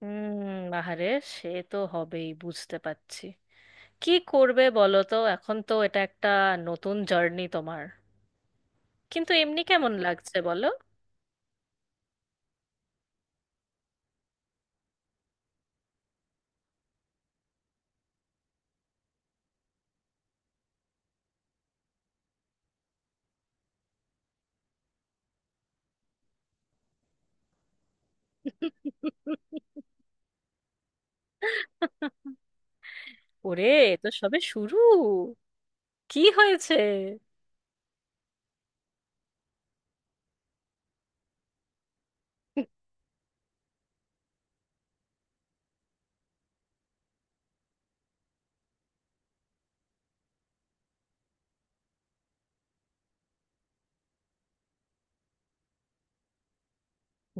হুম বাহারে, সে তো হবেই, বুঝতে পারছি। কি করবে বলো তো, এখন তো এটা একটা নতুন জার্নি তোমার। কিন্তু এমনি কেমন লাগছে বলো? ওরে, এ তো সবে শুরু। কি হয়েছে?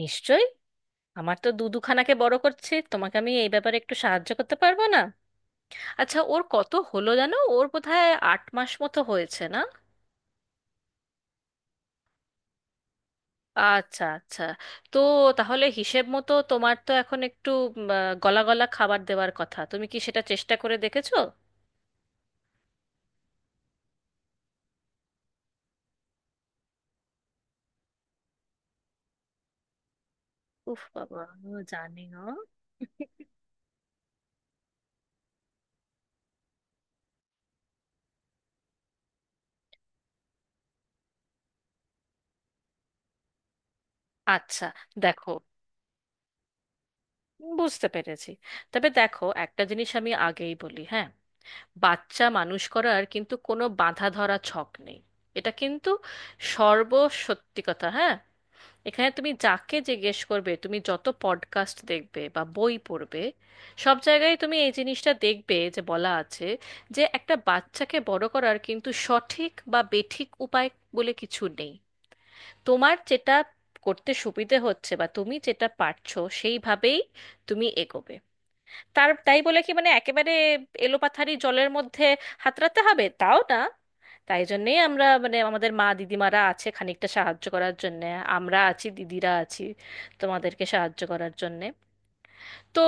নিশ্চয়ই। আমার তো দুখানাকে বড় করছে, তোমাকে আমি এই ব্যাপারে একটু সাহায্য করতে পারবো না? আচ্ছা, ওর কত হলো জানো? ওর বোধহয় 8 মাস মতো হয়েছে, না? আচ্ছা, আচ্ছা। তো, তাহলে হিসেব মতো তোমার তো এখন একটু গলা গলা খাবার দেওয়ার কথা। তুমি কি সেটা চেষ্টা করে দেখেছো? উফ বাবা, আমিও জানি না। আচ্ছা। দেখো, বুঝতে পেরেছি। তবে দেখো, একটা জিনিস আমি আগেই বলি, হ্যাঁ। বাচ্চা মানুষ করার কিন্তু কোনো বাঁধা ধরা ছক নেই। এটা কিন্তু সর্বসত্যি কথা, হ্যাঁ। এখানে তুমি যাকে জিজ্ঞেস করবে, তুমি যত পডকাস্ট দেখবে বা বই পড়বে, সব জায়গায় তুমি এই জিনিসটা দেখবে যে বলা আছে, যে একটা বাচ্চাকে বড় করার কিন্তু সঠিক বা বেঠিক উপায় বলে কিছু নেই। তোমার যেটা করতে সুবিধে হচ্ছে বা তুমি যেটা পারছো, সেইভাবেই তুমি এগোবে। তার তাই বলে কি মানে একেবারে এলোপাথারি জলের মধ্যে হাতড়াতে হবে, তাও না। তাই জন্যেই আমরা মানে আমাদের মা দিদিমারা আছে খানিকটা সাহায্য করার জন্যে। আমরা আছি, দিদিরা আছি তোমাদেরকে সাহায্য করার জন্যে। তো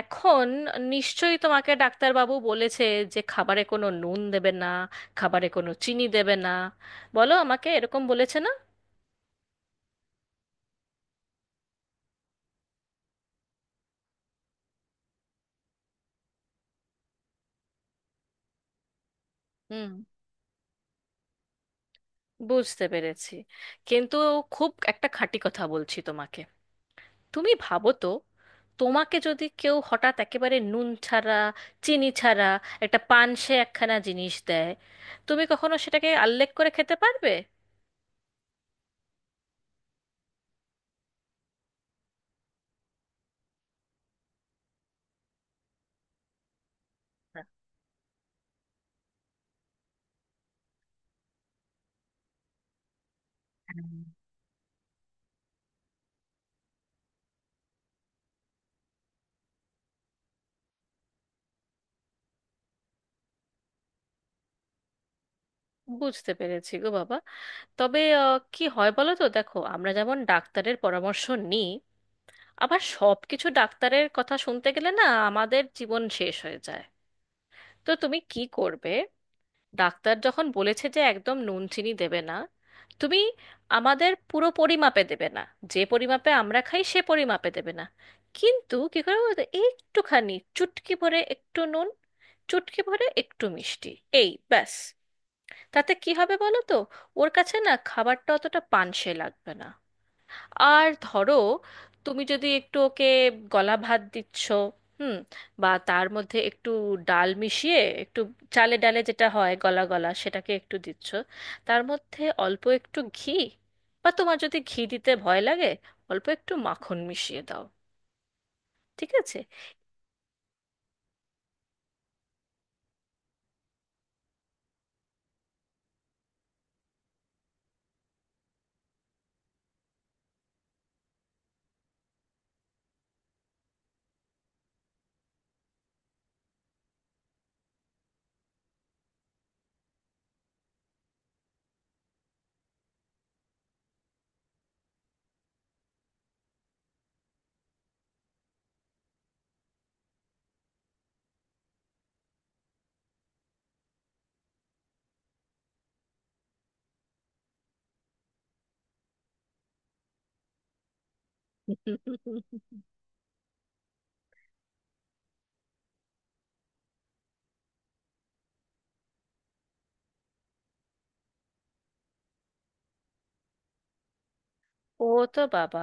এখন নিশ্চয়ই তোমাকে ডাক্তারবাবু বলেছে যে খাবারে কোনো নুন দেবে না, খাবারে কোনো চিনি দেবে না। বলো আমাকে, এরকম বলেছে না? হুম, বুঝতে পেরেছি। কিন্তু খুব একটা খাঁটি কথা বলছি তোমাকে। তুমি ভাবো তো, তোমাকে যদি কেউ হঠাৎ একেবারে নুন ছাড়া, চিনি ছাড়া একটা পানসে একখানা জিনিস দেয়, তুমি কখনো সেটাকে আল্লেখ করে খেতে পারবে? হুম। বুঝতে পেরেছি গো বাবা। তবে কি হয় বলো তো, দেখো, আমরা যেমন ডাক্তারের পরামর্শ নিই, আবার সব কিছু ডাক্তারের কথা শুনতে গেলে না আমাদের জীবন শেষ হয়ে যায়। তো তুমি কি করবে, ডাক্তার যখন বলেছে যে একদম নুন চিনি দেবে না, তুমি আমাদের পুরো পরিমাপে দেবে না, যে পরিমাপে আমরা খাই সে পরিমাপে দেবে না। কিন্তু কি করে বলো তো, একটুখানি চুটকি ভরে একটু নুন, চুটকি ভরে একটু মিষ্টি, এই ব্যাস। তাতে কি হবে বলো তো? ওর কাছে না খাবারটা অতটা পানসে লাগবে না। আর ধরো, তুমি যদি একটু ওকে গলা ভাত দিচ্ছ, হুম, বা তার মধ্যে একটু ডাল মিশিয়ে, একটু চালে ডালে যেটা হয় গলা গলা সেটাকে একটু দিচ্ছ, তার মধ্যে অল্প একটু ঘি, বা তোমার যদি ঘি দিতে ভয় লাগে, অল্প একটু মাখন মিশিয়ে দাও। ঠিক আছে? ও তো বাবা,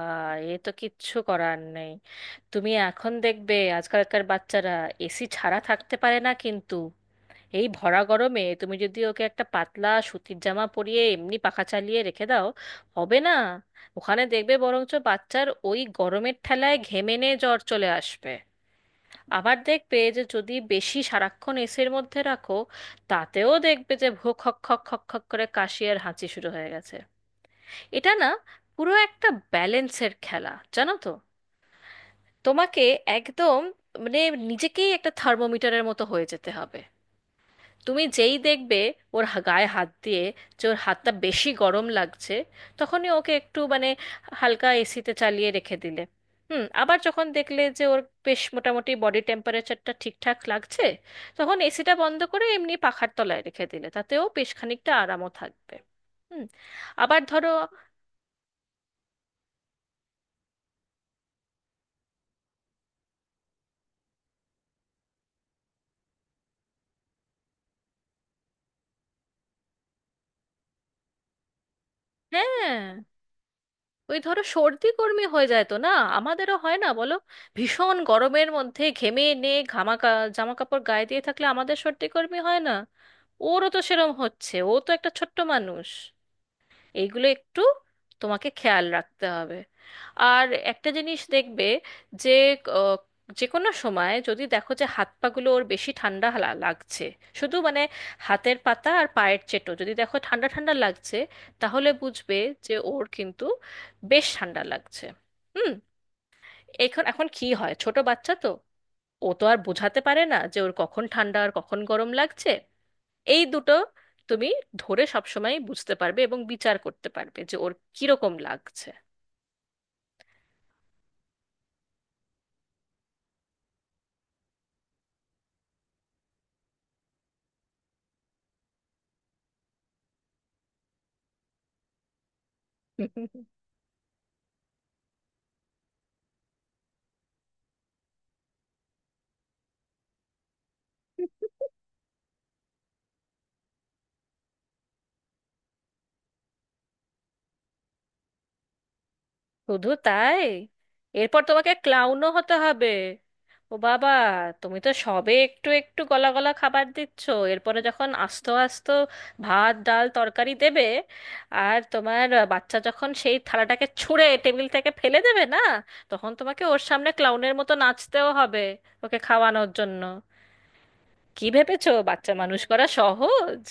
এ তো কিচ্ছু করার নেই। তুমি এখন দেখবে আজকালকার বাচ্চারা এসি ছাড়া থাকতে পারে না, কিন্তু এই ভরা গরমে তুমি যদি ওকে একটা পাতলা সুতির জামা পরিয়ে এমনি পাখা চালিয়ে রেখে দাও, হবে না। ওখানে দেখবে বরঞ্চ বাচ্চার ওই গরমের ঠেলায় ঘেমেনে জ্বর চলে আসবে। আবার দেখবে যে যদি বেশি সারাক্ষণ এসির মধ্যে রাখো, তাতেও দেখবে যে ভোক খক খক খক খক করে কাশি আর হাঁচি শুরু হয়ে গেছে। এটা না পুরো একটা ব্যালেন্সের খেলা, জানো তো। তোমাকে একদম মানে নিজেকেই একটা থার্মোমিটারের মতো হয়ে যেতে হবে। তুমি যেই দেখবে ওর গায়ে হাত দিয়ে যে ওর হাতটা বেশি গরম লাগছে, তখনই ওকে একটু মানে হালকা এসিতে চালিয়ে রেখে দিলে। হুম। আবার যখন দেখলে যে ওর বেশ মোটামুটি বডি টেম্পারেচারটা ঠিকঠাক লাগছে, তখন এসিটা বন্ধ করে এমনি পাখার তলায় রেখে দিলে তাতেও বেশ খানিকটা আরামও থাকবে। হুম। আবার ধরো, হ্যাঁ, ওই ধরো সর্দি কর্মী হয়ে যায় তো, না? আমাদেরও হয় না বলো? ভীষণ গরমের মধ্যে ঘেমে নে ঘামা জামা কাপড় গায়ে দিয়ে থাকলে আমাদের সর্দি কর্মী হয় না? ওরও তো সেরম হচ্ছে, ও তো একটা ছোট্ট মানুষ। এইগুলো একটু তোমাকে খেয়াল রাখতে হবে। আর একটা জিনিস দেখবে যে আহ, যে কোনো সময় যদি দেখো যে হাত পাগুলো ওর বেশি ঠান্ডা লাগছে, শুধু মানে হাতের পাতা আর পায়ের চেটো যদি দেখো ঠান্ডা ঠান্ডা লাগছে, তাহলে বুঝবে যে ওর কিন্তু বেশ ঠান্ডা লাগছে। হুম। এখন এখন কি হয়, ছোট বাচ্চা তো, ও তো আর বোঝাতে পারে না যে ওর কখন ঠান্ডা আর কখন গরম লাগছে। এই দুটো তুমি ধরে সবসময় বুঝতে পারবে এবং বিচার করতে পারবে যে ওর কিরকম লাগছে। শুধু তাই? এরপর তোমাকে ক্লাউনও হতে হবে। ও বাবা, তুমি তো সবে একটু একটু গলা গলা খাবার দিচ্ছ। এরপরে যখন আস্ত আস্ত ভাত ডাল তরকারি দেবে, আর তোমার বাচ্চা যখন সেই থালাটাকে ছুঁড়ে টেবিল থেকে ফেলে দেবে না, তখন তোমাকে ওর সামনে ক্লাউনের মতো নাচতেও হবে ওকে খাওয়ানোর জন্য। কি ভেবেছো বাচ্চা মানুষ করা সহজ?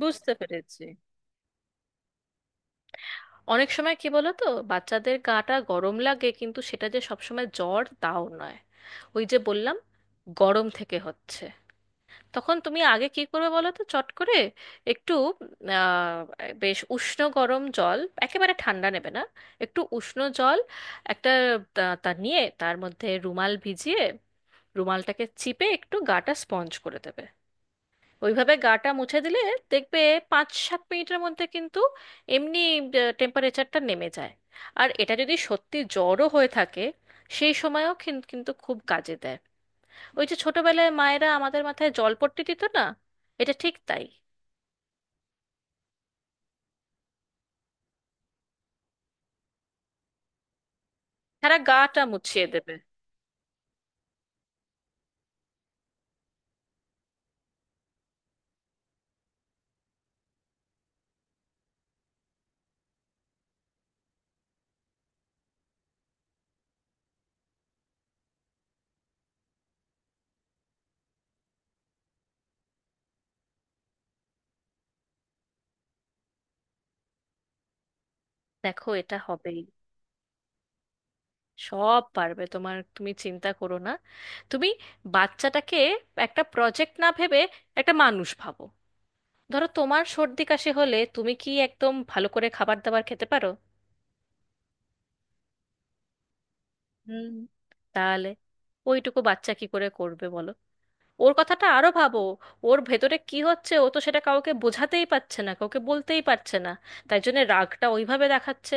বুঝতে পেরেছি। অনেক সময় কি বলো তো, বাচ্চাদের গাটা গরম লাগে কিন্তু সেটা যে সবসময় জ্বর, তাও নয়। ওই যে বললাম, গরম থেকে হচ্ছে। তখন তুমি আগে কি করবে বলো তো, চট করে একটু আহ, বেশ উষ্ণ গরম জল, একেবারে ঠান্ডা নেবে না, একটু উষ্ণ জল একটা তা তা নিয়ে তার মধ্যে রুমাল ভিজিয়ে রুমালটাকে চিপে একটু গাটা স্পঞ্জ করে দেবে। ওইভাবে গাটা মুছে দিলে দেখবে 5-7 মিনিটের মধ্যে কিন্তু এমনি টেম্পারেচারটা নেমে যায়। আর এটা যদি সত্যি জ্বরও হয়ে থাকে, সেই সময়ও কিন্তু খুব কাজে দেয়। ওই যে ছোটবেলায় মায়েরা আমাদের মাথায় জলপট্টি দিত না, এটা ঠিক তাই। সারা গাটা মুছিয়ে দেবে। দেখো, এটা হবেই। সব পারবে তোমার, তুমি চিন্তা করো না। তুমি বাচ্চাটাকে একটা প্রজেক্ট না ভেবে একটা মানুষ ভাবো। ধরো তোমার সর্দি কাশি হলে তুমি কি একদম ভালো করে খাবার দাবার খেতে পারো? হুম। তাহলে ওইটুকু বাচ্চা কি করে করবে বলো। ওর কথাটা আরো ভাবো, ওর ভেতরে কি হচ্ছে, ও তো সেটা কাউকে বোঝাতেই পারছে না, কাউকে বলতেই পারছে না। তাই জন্য রাগটা ওইভাবে দেখাচ্ছে।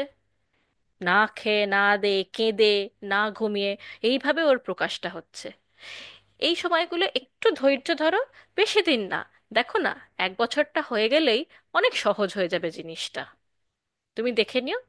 না খেয়ে, না দে, কেঁদে, না ঘুমিয়ে, এইভাবে ওর প্রকাশটা হচ্ছে। এই সময়গুলো একটু ধৈর্য ধরো। বেশি দিন না, দেখো না, এক বছরটা হয়ে গেলেই অনেক সহজ হয়ে যাবে জিনিসটা, তুমি দেখে নিও।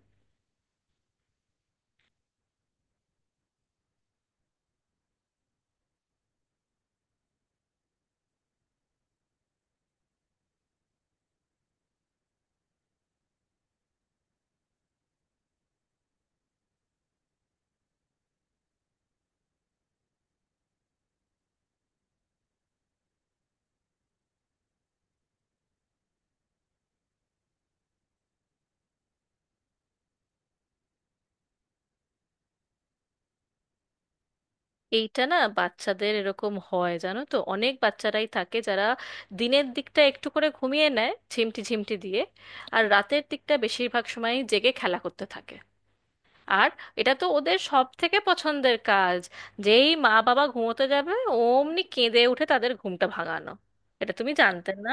এইটা না বাচ্চাদের এরকম হয়, জানো তো, অনেক বাচ্চারাই থাকে যারা দিনের দিকটা একটু করে ঘুমিয়ে নেয় ঝিমটি ঝিমটি দিয়ে, আর রাতের দিকটা বেশিরভাগ সময় জেগে খেলা করতে থাকে। আর এটা তো ওদের সব থেকে পছন্দের কাজ, যেই মা বাবা ঘুমোতে যাবে অমনি কেঁদে উঠে তাদের ঘুমটা ভাঙানো। এটা তুমি জানতে না?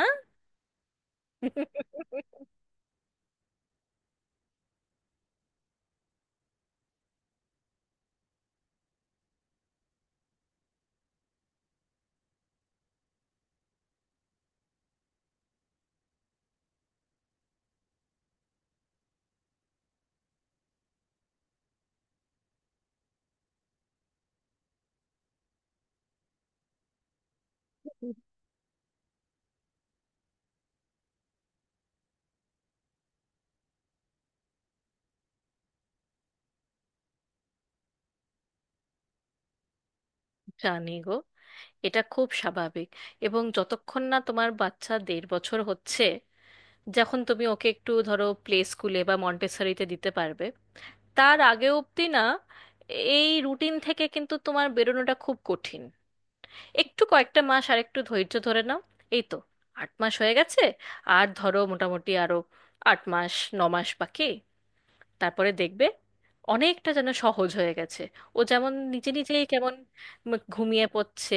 জানি গো, এটা খুব স্বাভাবিক। এবং যতক্ষণ না তোমার বাচ্চা দেড় বছর হচ্ছে, যখন তুমি ওকে একটু ধরো প্লে স্কুলে বা মন্টেসরিতে দিতে পারবে, তার আগে অবধি না এই রুটিন থেকে কিন্তু তোমার বেরোনোটা খুব কঠিন। একটু কয়েকটা মাস আর একটু ধৈর্য ধরে নাও। এই তো 8 মাস হয়ে গেছে, আর ধরো মোটামুটি আরো 8 মাস, 9 মাস বাকি। তারপরে দেখবে অনেকটা যেন সহজ হয়ে গেছে। ও যেমন নিজে নিজেই কেমন ঘুমিয়ে পড়ছে,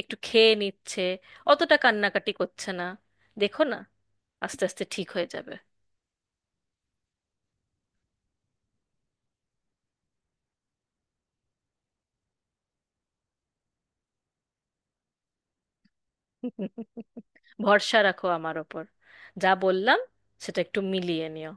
একটু খেয়ে নিচ্ছে, অতটা কান্নাকাটি করছে না। দেখো না, আস্তে আস্তে ঠিক হয়ে যাবে। ভরসা রাখো আমার ওপর। যা বললাম, সেটা একটু মিলিয়ে নিও।